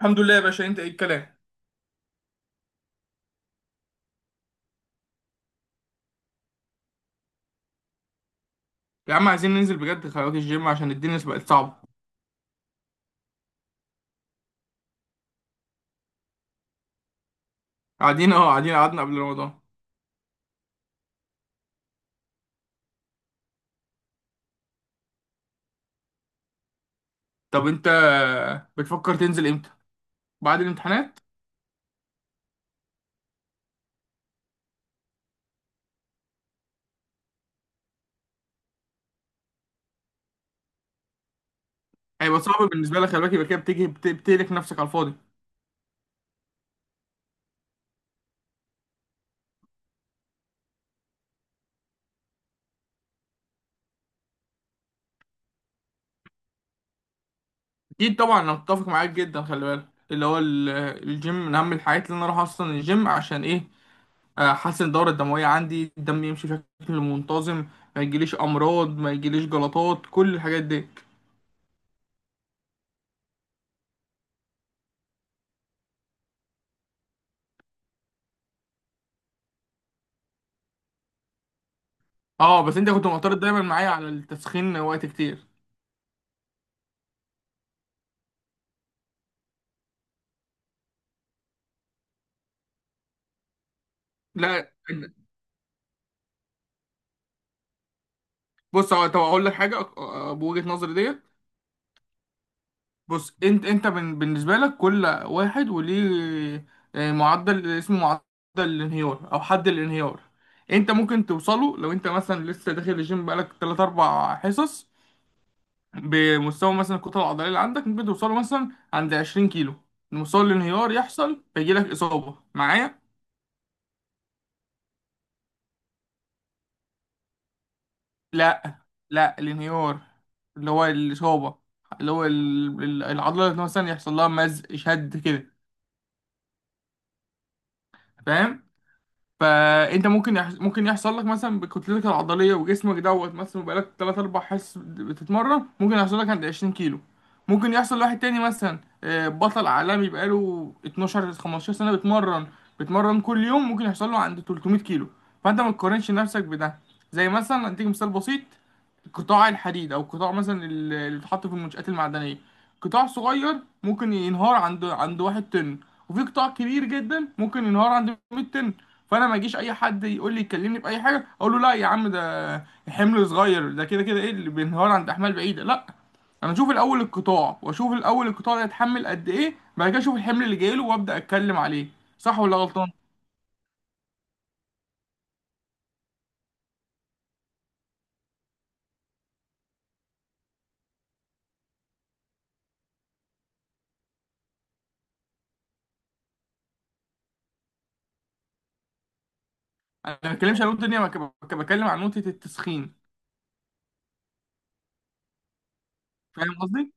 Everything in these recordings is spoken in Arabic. الحمد لله يا باشا، انت ايه الكلام؟ يا عم عايزين ننزل بجد، خلي الجيم عشان الدنيا بقت صعبة. قاعدين اهو، قاعدين قعدنا قبل رمضان. طب انت بتفكر تنزل امتى؟ بعد الامتحانات. هيبقى صعب بالنسبة لك، خلي بالك يبقى كده بتيجي بتهلك نفسك على الفاضي. اكيد طبعا انا متفق معاك جدا، خلي بالك الجيم من اهم الحاجات، اللي انا اروح اصلا الجيم عشان ايه؟ احسن الدورة الدموية عندي، الدم يمشي بشكل منتظم، ما يجيليش امراض، ما يجيليش جلطات، كل الحاجات دي. اه، بس انت كنت معترض دايما معايا على التسخين وقت كتير. لا، بص هو، طب اقول لك حاجه بوجهه نظري ديت. بص، انت بالنسبه لك كل واحد وليه معدل، اسمه معدل الانهيار او حد الانهيار. انت ممكن توصله لو انت مثلا لسه داخل الجيم بقالك 3 4 حصص، بمستوى مثلا الكتله العضليه اللي عندك ممكن توصله مثلا عند 20 كيلو، مستوى الانهيار يحصل فيجيلك اصابه معايا. لا لا الانهيار، اللي هو الإصابة، اللي هو العضلة مثلا يحصل لها مزق شد كده، فاهم؟ فانت ممكن ممكن يحصل لك مثلا بكتلتك العضليه وجسمك دوت مثلا بقالك 3 4 حصص بتتمرن، ممكن يحصل لك عند 20 كيلو. ممكن يحصل لواحد تاني مثلا بطل عالمي بقاله 12 15 سنه بيتمرن، كل يوم، ممكن يحصل له عند 300 كيلو. فانت ما تقارنش نفسك بده. زي مثلا اديك مثال بسيط، قطاع الحديد او قطاع مثلا اللي بيتحط في المنشآت المعدنيه، قطاع صغير ممكن ينهار عند واحد طن، وفي قطاع كبير جدا ممكن ينهار عند 100 طن. فانا ما يجيش اي حد يقول لي يكلمني باي حاجه اقول له لا يا عم، ده حمل صغير، ده كده ايه اللي بينهار عند احمال بعيده. لا، انا اشوف الاول القطاع، واشوف الاول القطاع ده يتحمل قد ايه، بعد كده اشوف الحمل اللي جاي له وابدا اتكلم عليه. صح ولا غلطان؟ انا ما بتكلمش عن نقطه الدنيا، أنا بتكلم عن نقطه التسخين. فاهم قصدي؟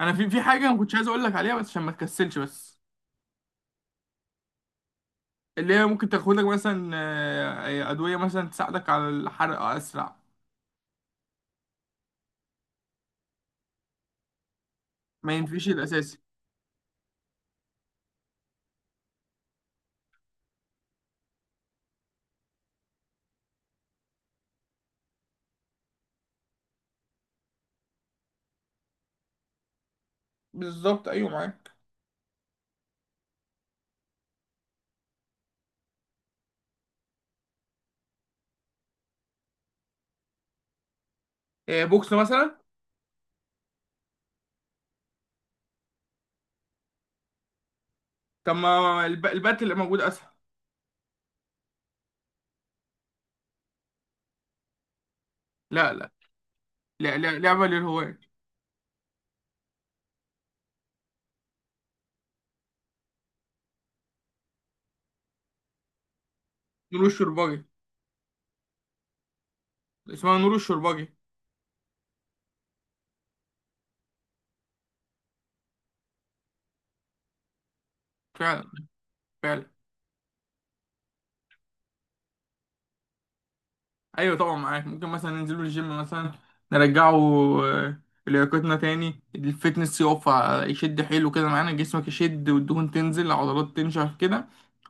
انا في حاجه ما كنتش عايز اقول لك عليها بس عشان ما تكسلش، بس اللي هي ممكن تاخد لك مثلا ادويه مثلا تساعدك على الحرق اسرع. ما ينفيش الاساسي، بالظبط ايوه معاك. بوكس مثلا. طب ما البات اللي موجود اسهل. لا لا، لا لا لعبه للهواة. نور الشرباجي. اسمها نور الشرباجي. فعلا. فعلا، ايوه طبعا معاك، ممكن مثلا ننزله الجيم مثلا، نرجعه لياقتنا تاني، الفتنس يقف يشد حيله كده معانا، جسمك يشد والدهون تنزل العضلات تنشف كده.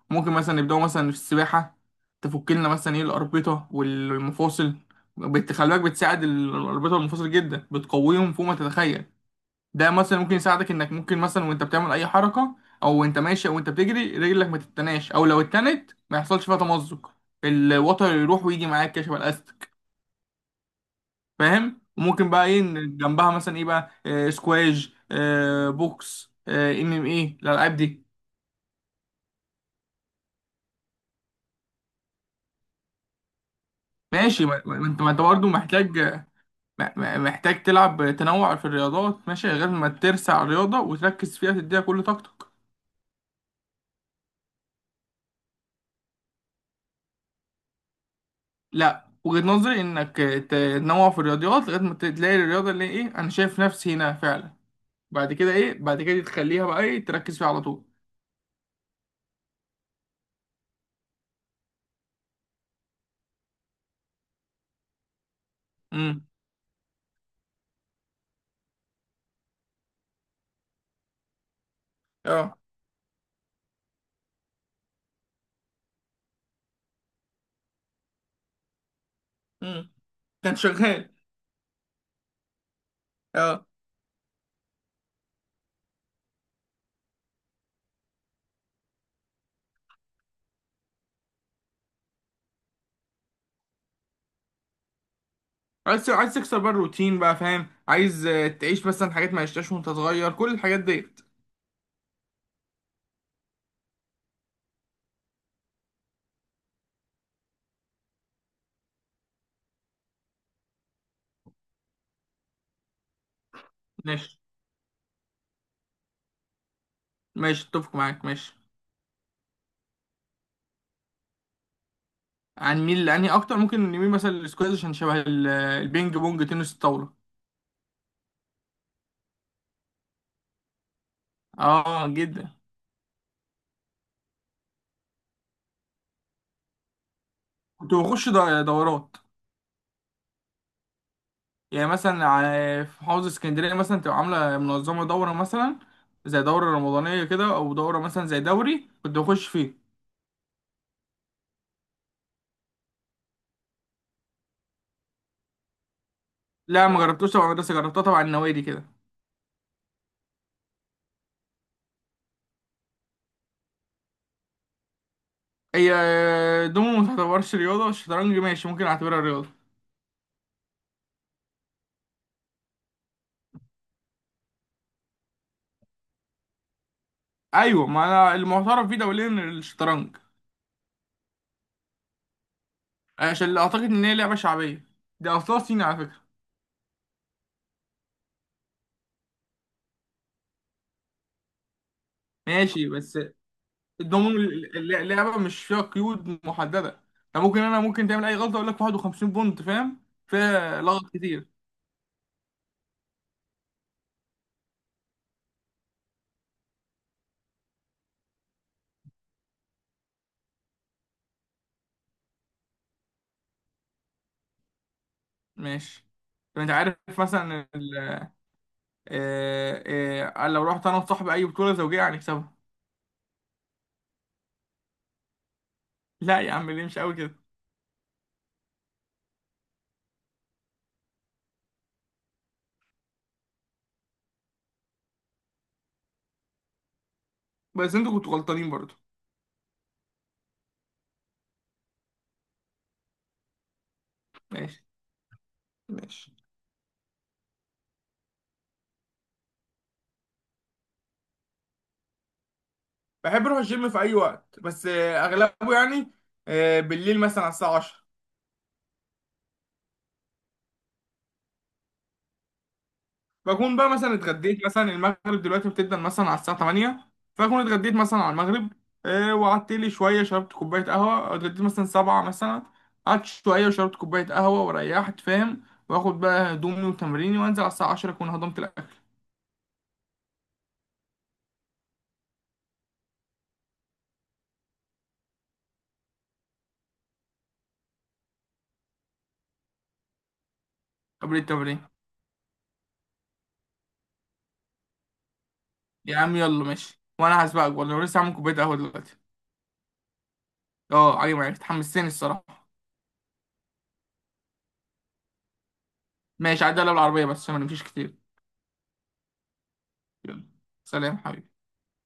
ممكن مثلا نبداو مثلا في السباحه، تفك لنا مثلا ايه الاربطه والمفاصل. خلي بالك بتساعد الاربطه والمفاصل جدا، بتقويهم فوق ما تتخيل. ده مثلا ممكن يساعدك انك ممكن مثلا وانت بتعمل اي حركه او وانت ماشي او انت بتجري، رجلك ما تتناش، او لو اتنت ما يحصلش فيها تمزق، الوتر يروح ويجي معاك كشبه الاستك، فاهم؟ وممكن بقى ايه إن جنبها مثلا ايه بقى، آه سكواش، آه بوكس، ام ام ايه الالعاب دي. ماشي، ما ما انت، ما انت برضه محتاج، محتاج تلعب تنوع في الرياضات. ماشي، غير ما ترسع رياضه وتركز فيها تديها كل طاقتك. لا، وجهة نظري انك تنوع في الرياضيات لغايه ما تلاقي الرياضه اللي ايه انا شايف نفسي هنا فعلا. بعد كده ايه؟ بعد كده تخليها بقى ايه، تركز فيها على طول. امم. اه. امم كان شغال. اه، عايز، تكسر بقى الروتين بقى، فاهم، عايز تعيش مثلا حاجات ما عشتهاش وانت صغير، كل الحاجات ديت. ماشي. ماشي اتفق معاك ماشي. هنميل، لاني اكتر ممكن نميل مثلا للسكواش عشان شبه البينج بونج تنس الطاوله. اه جدا. كنت بخش دورات. يعني مثلا في محافظة اسكندرية مثلا تبقى عاملة منظمة دورة مثلا زي دورة رمضانية كده، أو دورة مثلا زي دوري كنت بخش فيه. لا ما جربتوش تبع مدرسة، جربتها تبع النوادي كده. هي دومو ما تعتبرش رياضة، الشطرنج ماشي ممكن أعتبرها رياضة. أيوة، ما أنا المعترف بيه دوليا الشطرنج. عشان اللي أعتقد إن هي لعبة شعبية، دي أصلها صيني على فكرة. ماشي، بس الدومو لعبة مش فيها قيود محددة، يعني ممكن أنا ممكن تعمل أي غلطة أقول لك 51 بونت، فاهم، فيها لغط كتير. ماشي، طب انت عارف مثلا لو رحت انا وصاحبي اي بطولة زوجية هنكسبها. لا يا عم ليه، مش قوي كده. بس انتوا كنتوا غلطانين برضو. ماشي. ماشي. بحب اروح الجيم في اي وقت، بس اغلبه يعني بالليل مثلا على الساعة 10. بكون بقى مثلا اتغديت، مثلا المغرب دلوقتي بتبدأ مثلا على الساعة 8، فأكون اتغديت مثلا على المغرب، وقعدت لي شوية، شربت كوباية قهوة، اتغديت مثلا 7 مثلا، قعدت شوية وشربت كوباية قهوة وريحت، فاهم؟ وآخد بقى هدومي وتمريني وأنزل على الساعة 10 أكون هضمت الأكل. قبل التمرين. يا عم يلا ماشي، وأنا هسبقك، والله لسه عامل كوباية قهوة دلوقتي. أه عجبك، حمستني الصراحة. ماشي، عدى عليا بالعربية بس عشان ما نمشيش كتير. يلا، سلام حبيبي.